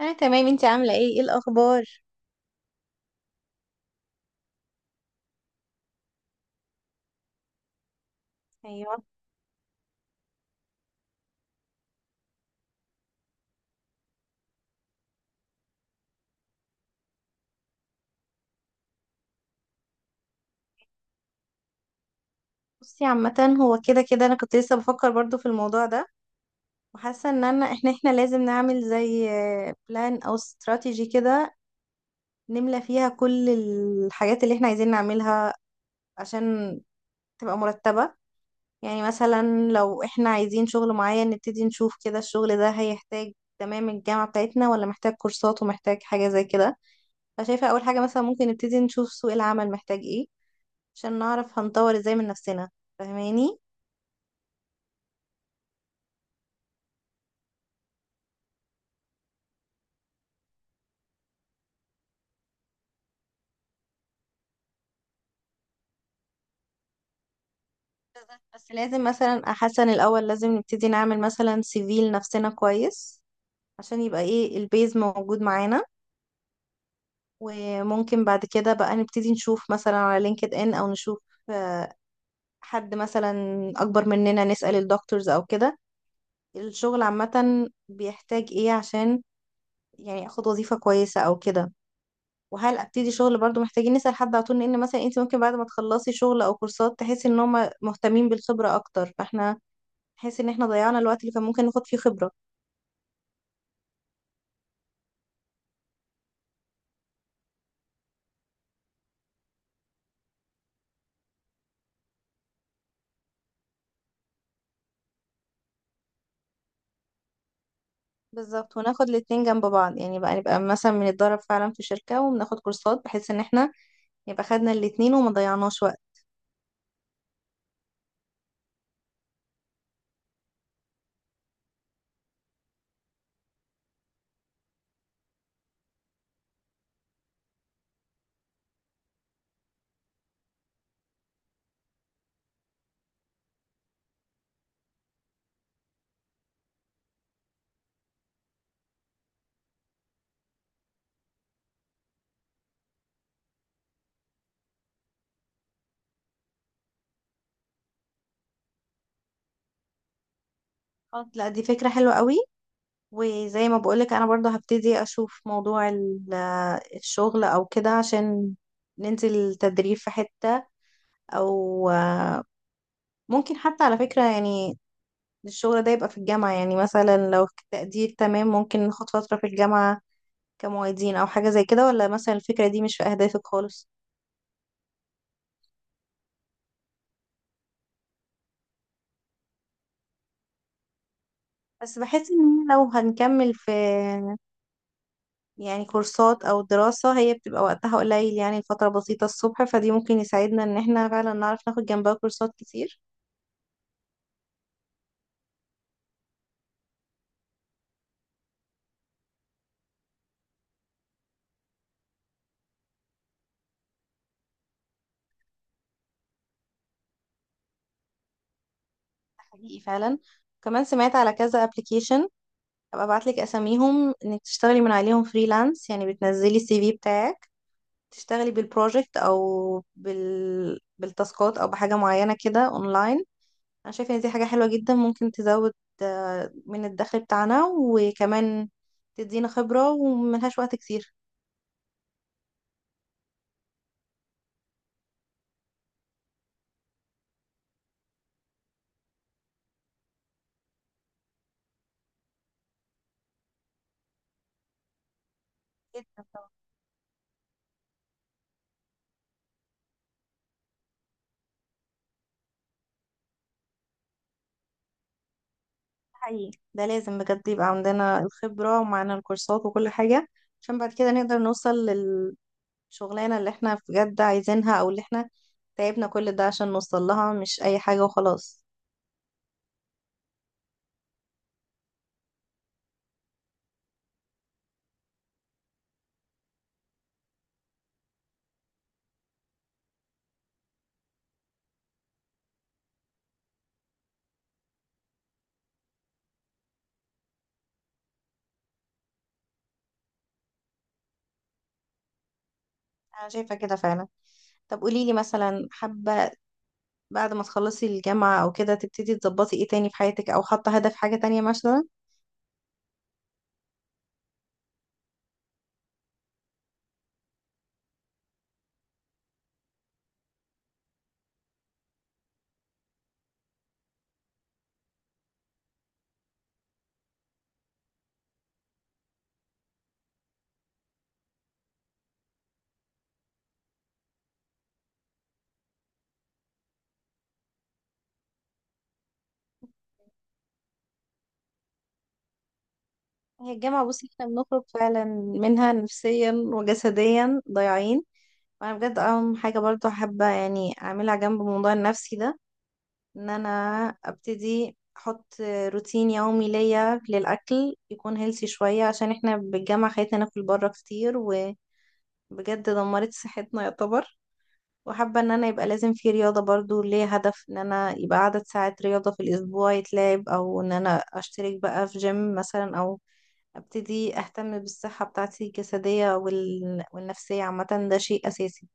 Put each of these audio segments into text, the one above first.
انا تمام، انتي عامله ايه؟ ايه الاخبار؟ ايوه. بصي عامه هو كده كده انا كنت لسه بفكر برضو في الموضوع ده، وحاسه ان انا احنا لازم نعمل زي بلان او استراتيجي كده، نملى فيها كل الحاجات اللي احنا عايزين نعملها عشان تبقى مرتبه. يعني مثلا لو احنا عايزين شغل معين نبتدي نشوف كده الشغل ده هيحتاج تمام الجامعه بتاعتنا، ولا محتاج كورسات، ومحتاج حاجه زي كده. فشايفه اول حاجه مثلا ممكن نبتدي نشوف سوق العمل محتاج ايه عشان نعرف هنطور ازاي من نفسنا، فاهماني؟ بالظبط. بس لازم مثلا احسن، الاول لازم نبتدي نعمل مثلا سي في لنفسنا كويس عشان يبقى ايه البيز موجود معانا. وممكن بعد كده بقى نبتدي نشوف مثلا على لينكد ان، او نشوف آه، حد مثلا اكبر مننا نسأل الدكتورز او كده الشغل عامة بيحتاج ايه، عشان يعني اخد وظيفة كويسة او كده. وهل ابتدي شغل؟ برضو محتاجين نسأل حد على طول، لان مثلا انت ممكن بعد ما تخلصي شغل او كورسات تحسي ان هم مهتمين بالخبرة اكتر، فاحنا نحس ان احنا ضيعنا الوقت اللي كان ممكن ناخد فيه خبرة. بالظبط، وناخد الاتنين جنب بعض. يعني بقى نبقى مثلا بنتدرب فعلا في شركة وبناخد كورسات، بحيث ان احنا يبقى خدنا الاتنين وما ضيعناش وقت. خلاص. لا دي فكرة حلوة قوي. وزي ما بقولك انا برضو هبتدي اشوف موضوع الشغل او كده، عشان ننزل تدريب في حتة، او ممكن حتى على فكرة يعني الشغل ده يبقى في الجامعة. يعني مثلا لو في التقدير تمام ممكن ناخد فترة في الجامعة كمعيدين أو حاجة زي كده، ولا مثلا الفكرة دي مش في أهدافك خالص؟ بس بحس إن لو هنكمل في يعني كورسات أو دراسة هي بتبقى وقتها قليل، يعني الفترة بسيطة الصبح، فدي ممكن يساعدنا إن احنا فعلا نعرف ناخد جنبها كورسات كتير. ده حقيقي فعلا. كمان سمعت على كذا ابلكيشن، هبقى ابعتلك اساميهم انك تشتغلي من عليهم فريلانس. يعني بتنزلي السي في بتاعك، تشتغلي بالبروجكت او بالتاسكات او بحاجه معينه كده اونلاين. انا شايفه ان دي حاجه حلوه جدا، ممكن تزود من الدخل بتاعنا، وكمان تدينا خبره وملهاش وقت كتير. جدا، طبعا. ده حقيقي، ده لازم بجد يبقى عندنا الخبره ومعانا الكورسات وكل حاجه، عشان بعد كده نقدر نوصل للشغلانه اللي احنا بجد عايزينها، او اللي احنا تعبنا كل ده عشان نوصل لها، مش اي حاجه وخلاص. انا شايفه كده فعلا. طب قوليلي مثلا، حابه بعد ما تخلصي الجامعة أو كده تبتدي تظبطي إيه تاني في حياتك، أو حاطة هدف حاجة تانية مثلا؟ هي الجامعة بصي إحنا بنخرج فعلا منها نفسيا وجسديا ضايعين. وأنا بجد أهم حاجة برضو حابة يعني أعملها جنب الموضوع النفسي ده إن أنا أبتدي أحط روتين يومي ليا للأكل يكون هيلثي شوية، عشان إحنا بالجامعة خلتنا ناكل بره كتير، وبجد دمرت صحتنا يعتبر. وحابة ان انا يبقى لازم في رياضة برضو، ليه هدف ان انا يبقى عدد ساعات رياضة في الاسبوع يتلعب، او ان انا اشترك بقى في جيم مثلا، او ابتدي اهتم بالصحة بتاعتي الجسدية والنفسية. عامة ده شيء اساسي.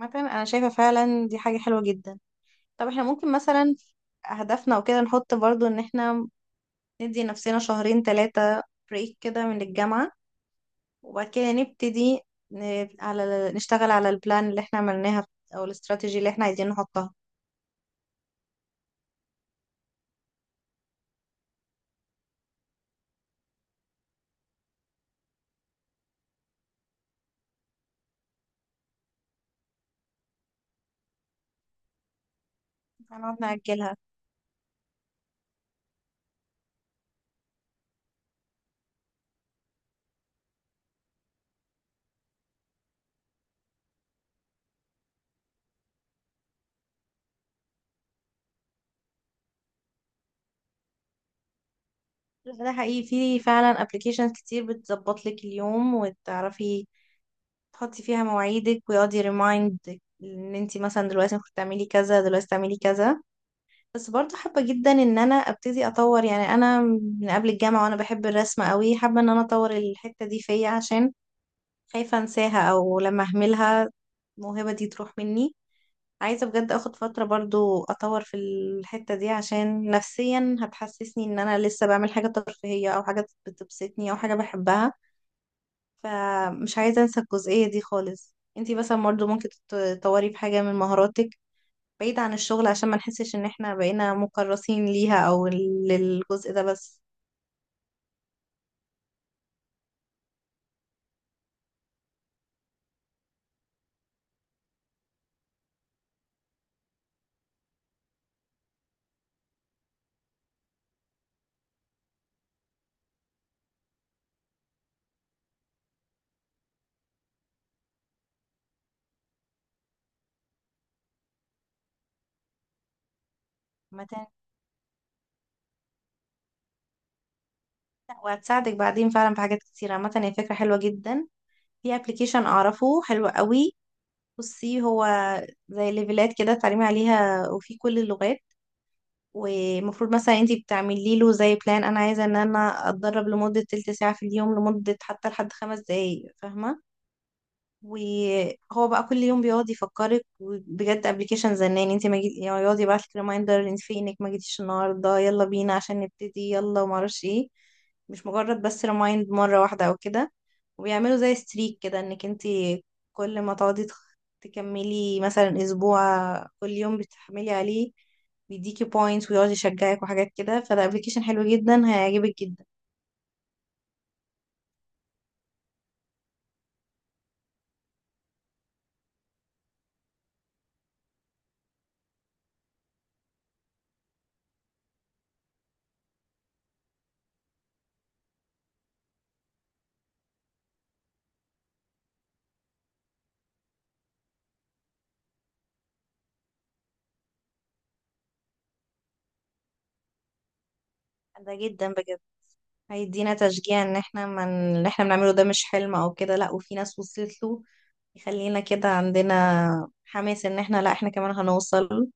عامة انا شايفة فعلا دي حاجة حلوة جدا. طب احنا ممكن مثلا اهدافنا وكده نحط برضو ان احنا ندي نفسنا شهرين ثلاثة بريك كده من الجامعة، وبعد كده نبتدي ن... على نشتغل على البلان اللي احنا عملناها، او الاستراتيجي اللي احنا عايزين نحطها. هنقعد نأجلها. لا، ده حقيقي في فعلا ابلكيشنز كتير بتظبط لك اليوم، وتعرفي تحطي فيها مواعيدك ويقعد يريمايند ان انت مثلا دلوقتي المفروض تعملي كذا، دلوقتي تعملي كذا. بس برضه حابة جدا ان انا ابتدي اطور. يعني انا من قبل الجامعة وانا بحب الرسم قوي، حابة ان انا اطور الحتة دي فيا، عشان خايفة انساها او لما اهملها الموهبة دي تروح مني. عايزة بجد اخد فترة برضو اطور في الحتة دي، عشان نفسيا هتحسسني ان انا لسه بعمل حاجة ترفيهية، او حاجة بتبسطني، او حاجة بحبها. فمش عايزة انسى الجزئية دي خالص. انتي مثلا برضو ممكن تطوري في حاجة من مهاراتك بعيد عن الشغل، عشان ما نحسش ان احنا بقينا مكرسين ليها او للجزء ده بس. عامة- وهتساعدك بعدين فعلا في حاجات كتيرة. عامة هي فكرة حلوة جدا. في ابلكيشن اعرفه حلو قوي. بصي، هو زي ليفلات كده تعليمي عليها وفي كل اللغات، ومفروض مثلا انتي بتعملي له زي بلان، انا عايزه ان انا اتدرب لمده تلت ساعه في اليوم، لمده حتى لحد خمس دقايق، فاهمه؟ وهو بقى كل يوم بيقعد يفكرك، بجد ابلكيشن زنان. انت ما جيت؟ يعني يقعد يبعت لك ريمايندر، انت فينك ما جيتيش النهارده، يلا بينا عشان نبتدي، يلا، وما اعرفش ايه. مش مجرد بس ريمايند مره واحده او كده. وبيعملوا زي ستريك كده انك انت كل ما تقعدي تكملي مثلا اسبوع كل يوم بتحملي عليه، بيديكي بوينتس ويقعد يشجعك وحاجات كده. فده ابلكيشن حلو جدا، هيعجبك جدا. ده جدا بجد هيدينا تشجيع ان احنا من اللي احنا بنعمله ده مش حلم او كده، لا وفي ناس وصلت له. يخلينا كده عندنا حماس ان احنا لا احنا كمان هنوصل،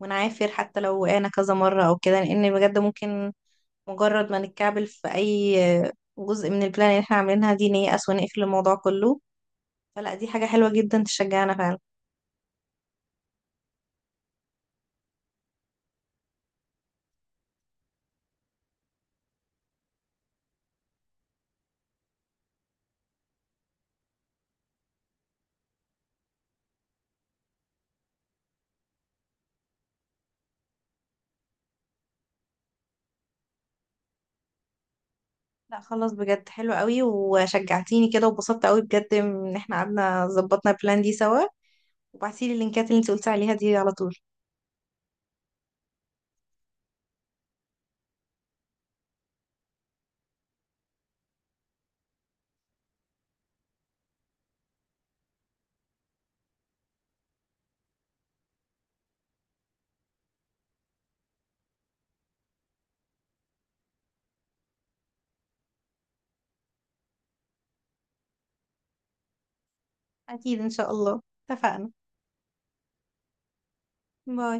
ونعافر حتى لو وقعنا كذا مرة او كده. لان بجد ممكن مجرد ما نتكعبل في اي جزء من البلان اللي احنا عاملينها دي نيأس ونقفل الموضوع كله. فلا، دي حاجة حلوة جدا، تشجعنا فعلا. لا خلاص، بجد حلو قوي، وشجعتيني كده وبسطت قوي بجد ان احنا قعدنا ظبطنا البلان دي سوا. وبعتيلي اللينكات اللي انت قلتي عليها دي على طول. أكيد إن شاء الله. اتفقنا. باي.